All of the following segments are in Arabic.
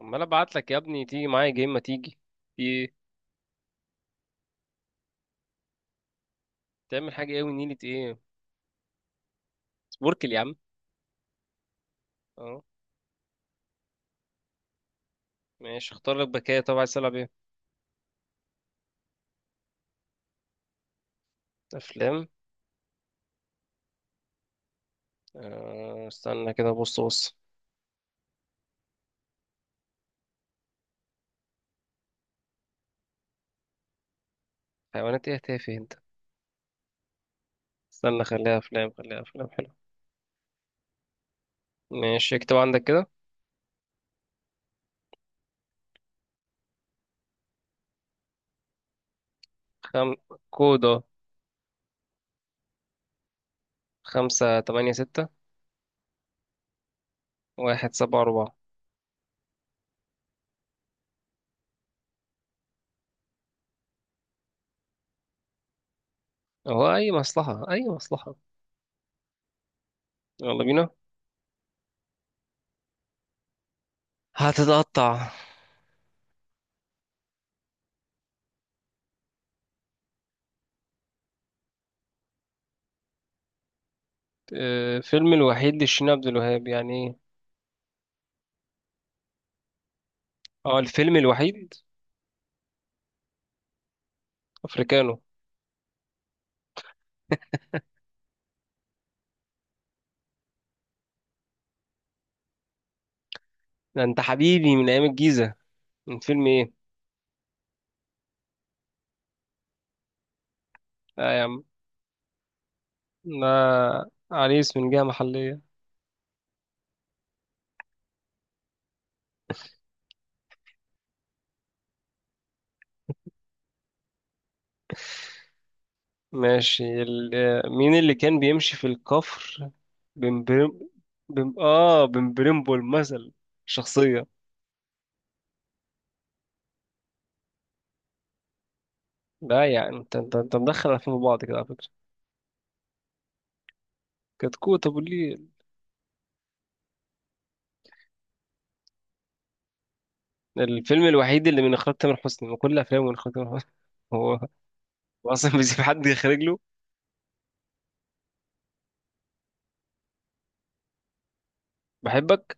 عمال ابعت لك يا ابني تيجي معايا جيم، ما تيجي؟ في ايه؟ تعمل حاجه ايه ونيلة ايه؟ سبوركل يا عم. اه ماشي، اختار لك بكايه. طب عايز تلعب ايه؟ افلام. آه استنى كده، بص بص. حيوانات ايه تافه انت. استنى، خليها افلام خليها افلام حلو. ماشي اكتب عندك كده. خم... كودا. خمسة تمانية ستة، واحد سبعة أربعة. هو أي مصلحة أي مصلحة. يلا بينا، هتتقطع. آه، فيلم الوحيد لشيرين عبد الوهاب يعني ايه؟ اه الفيلم الوحيد افريكانو. ده انت حبيبي من ايام الجيزة. من فيلم ايه؟ لا يا عم، ده عريس من جهة محلية. ماشي مين اللي كان بيمشي في الكفر؟ بمبرم، بم... اه بمبرمبول مثل، شخصية. لا يعني انت مدخل الافلام في بعض كده على فكرة. كتكوت ابو الليل. الفيلم الوحيد اللي من اخراج تامر حسني من كل افلامه من اخراج تامر حسني. هو، هو اصلا بيسيب حد يخرج له؟ بحبك.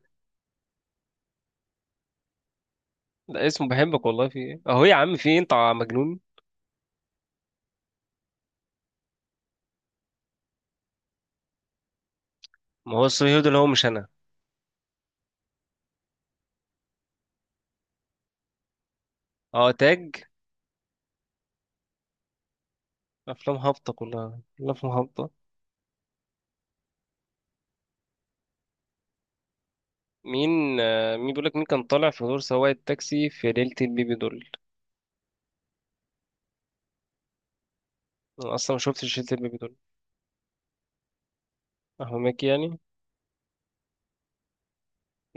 لا اسمه بحبك والله، في ايه اهو يا عم، في ايه انت مجنون؟ ما هو الصهيوني ده اللي هو مش انا. اه تاج. افلام هابطه، كلها كلها افلام هابطه. مين بيقول لك، مين كان طالع في دور سواق التاكسي في ليله البيبي دول؟ انا اصلا ما شفتش ليله البيبي دول. احمد مكي يعني.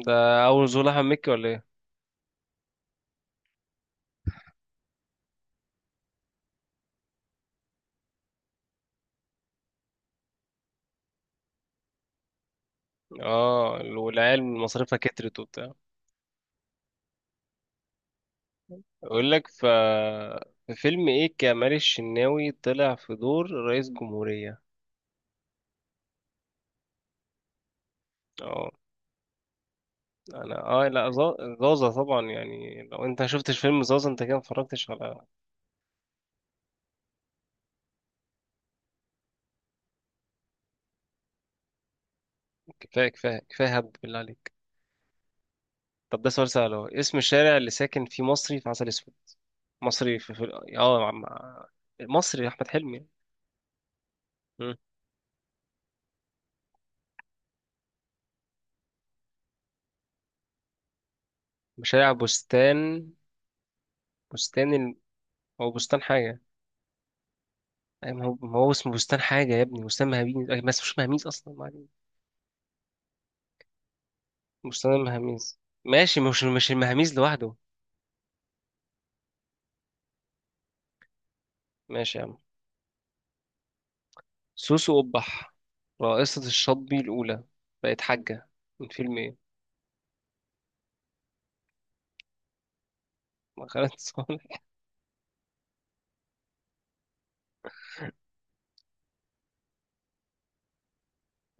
ده اول ظهور لاحمد مكي ولا ايه؟ اه والعيال مصاريفها كترت وبتاع. يقول لك في فيلم ايه كمال الشناوي طلع في دور رئيس جمهوريه؟ اه. انا اه لا زازا طبعا، يعني لو انت ما شفتش فيلم زازا انت كده ما اتفرجتش على كفايه كفايه كفايه، هبد بالله عليك. طب ده سؤال سهل اهو. اسم الشارع اللي ساكن فيه مصري في عسل اسود؟ مصري في, في... اه مع... مع- مصري احمد حلمي. مم. شارع بستان. بستان هو بستان حاجه. أي، ما هو ما هو اسمه بستان حاجه يا ابني، بستان مهاميز أي، ما اسمهوش مهاميز اصلا، ما علينا. بستان المهاميز. ماشي، مش المهاميز لوحده. ماشي يا عم. سوسو قبح، رئيسة الشطبي الأولى بقت حاجة، من فيلم ايه؟ ما خالد صالح.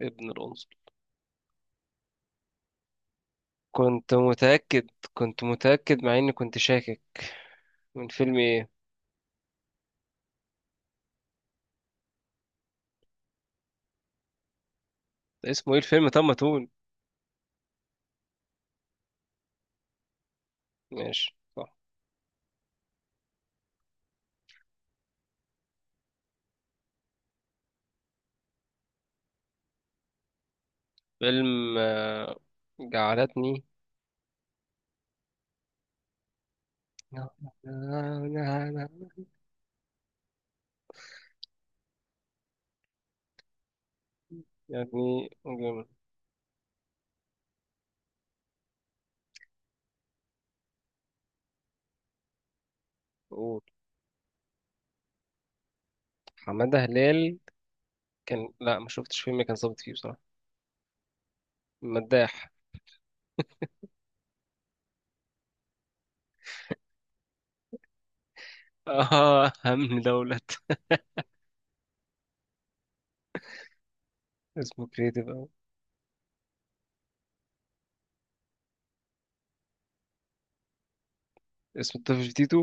ابن الأنصل. كنت متأكد كنت متأكد مع إني كنت شاكك. من فيلم ايه؟ اسمه ايه الفيلم، طب ما تقول. ماشي صح. فيلم آه، جعلتني يعني، جامد. قول. حمادة هلال، كان لا ما شفتش فيلم كان ظابط فيه بصراحة. مداح. اه أمن دولة. اسمه كريتيف أوي. اسمه الطفل تيتو.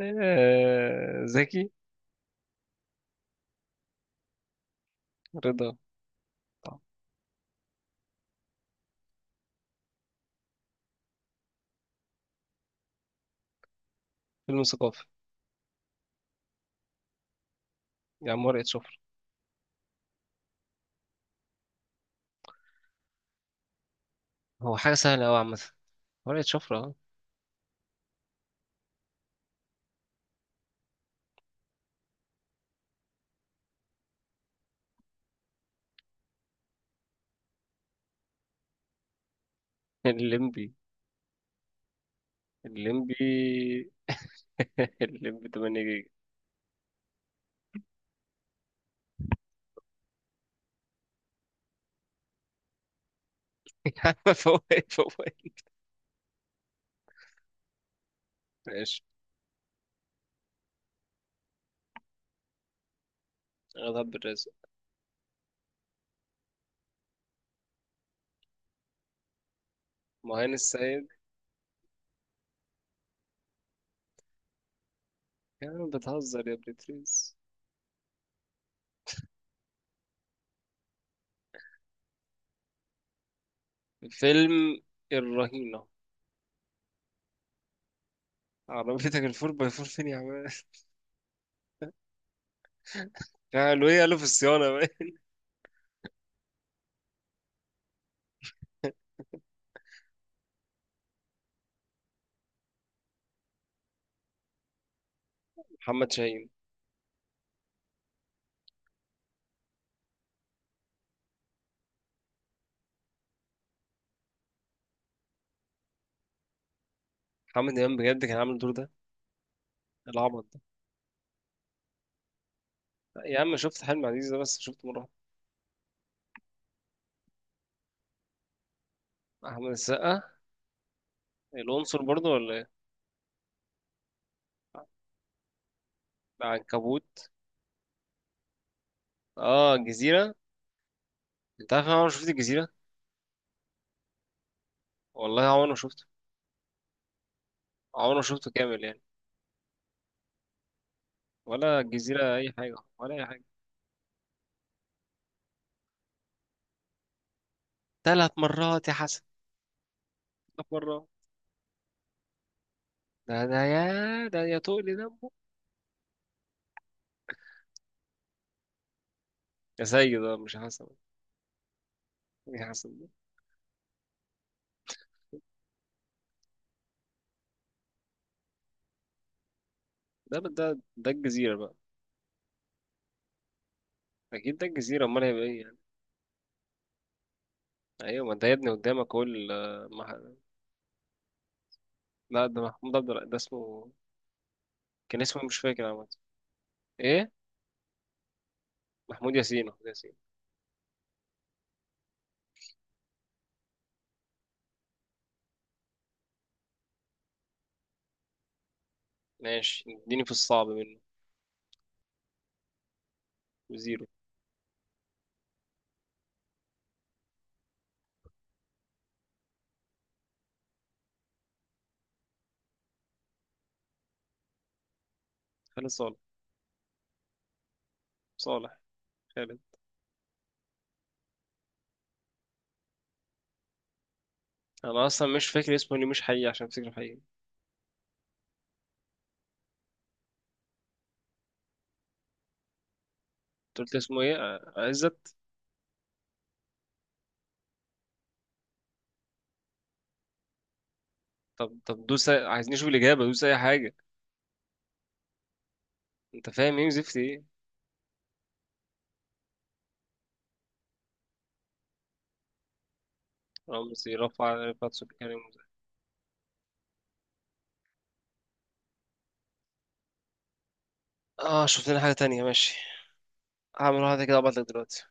آه، زكي. رضا. طبعا. فيلم ثقافي. يا عم ورقة شفرة. هو حاجة سهلة أوي عامة. ورقة شفرة اه. الليمبي، الليمبي. الليمبي 8 جيجا. فوق فوق. ماشي. غضب الرازق. مهان السيد. يا عم بتهزر يا بريتريز. فيلم الرهينة. عربيتك الفور باي فور فين يا عم؟ قالوا ايه؟ قالوا في الصيانة. بقى. محمد شاهين. محمد إمام بجد كان عامل الدور ده، العبط ده. يا عم شفت حلم عزيز ده بس، شفت مرة واحدة. أحمد السقا. العنصر برضه ولا ايه؟ العنكبوت. اه الجزيرة. انت عارف انا عمري ما شفت الجزيرة. والله عمري ما شفته. عمري ما شفته كامل يعني. ولا الجزيرة، أي حاجة ولا أي حاجة. ثلاث مرات يا حسن. بره. ده يا تقلي دمه. يا سيد، ده مش حسن. ايه حسن ده؟ ده الجزيرة بقى. أكيد ده الجزيرة، أمال هيبقى إيه يعني. أيوة، ما أنت يا ابني قدامك أهو لا ده ده اسمه. كان اسمه إيه؟ مش فاكر عامة. إيه؟ محمود ياسين، محمود ياسين. ماشي، اديني في الصعب منه. وزيرو. خالد صالح. صالح. خالد. أنا أصلا مش فاكر اسمه، ليه مش حقيقي عشان أفتكر حقيقي. أنت قلت اسمه إيه؟ آه، عزت. طب دوس عايزين نشوف الإجابة، دوس أي حاجة. أنت فاهم إيه وزفت إيه. رمزي، رفعت سكان. اه شفت لنا حاجة تانية، ماشي. هعمل واحدة كده وابعتلك دلوقتي.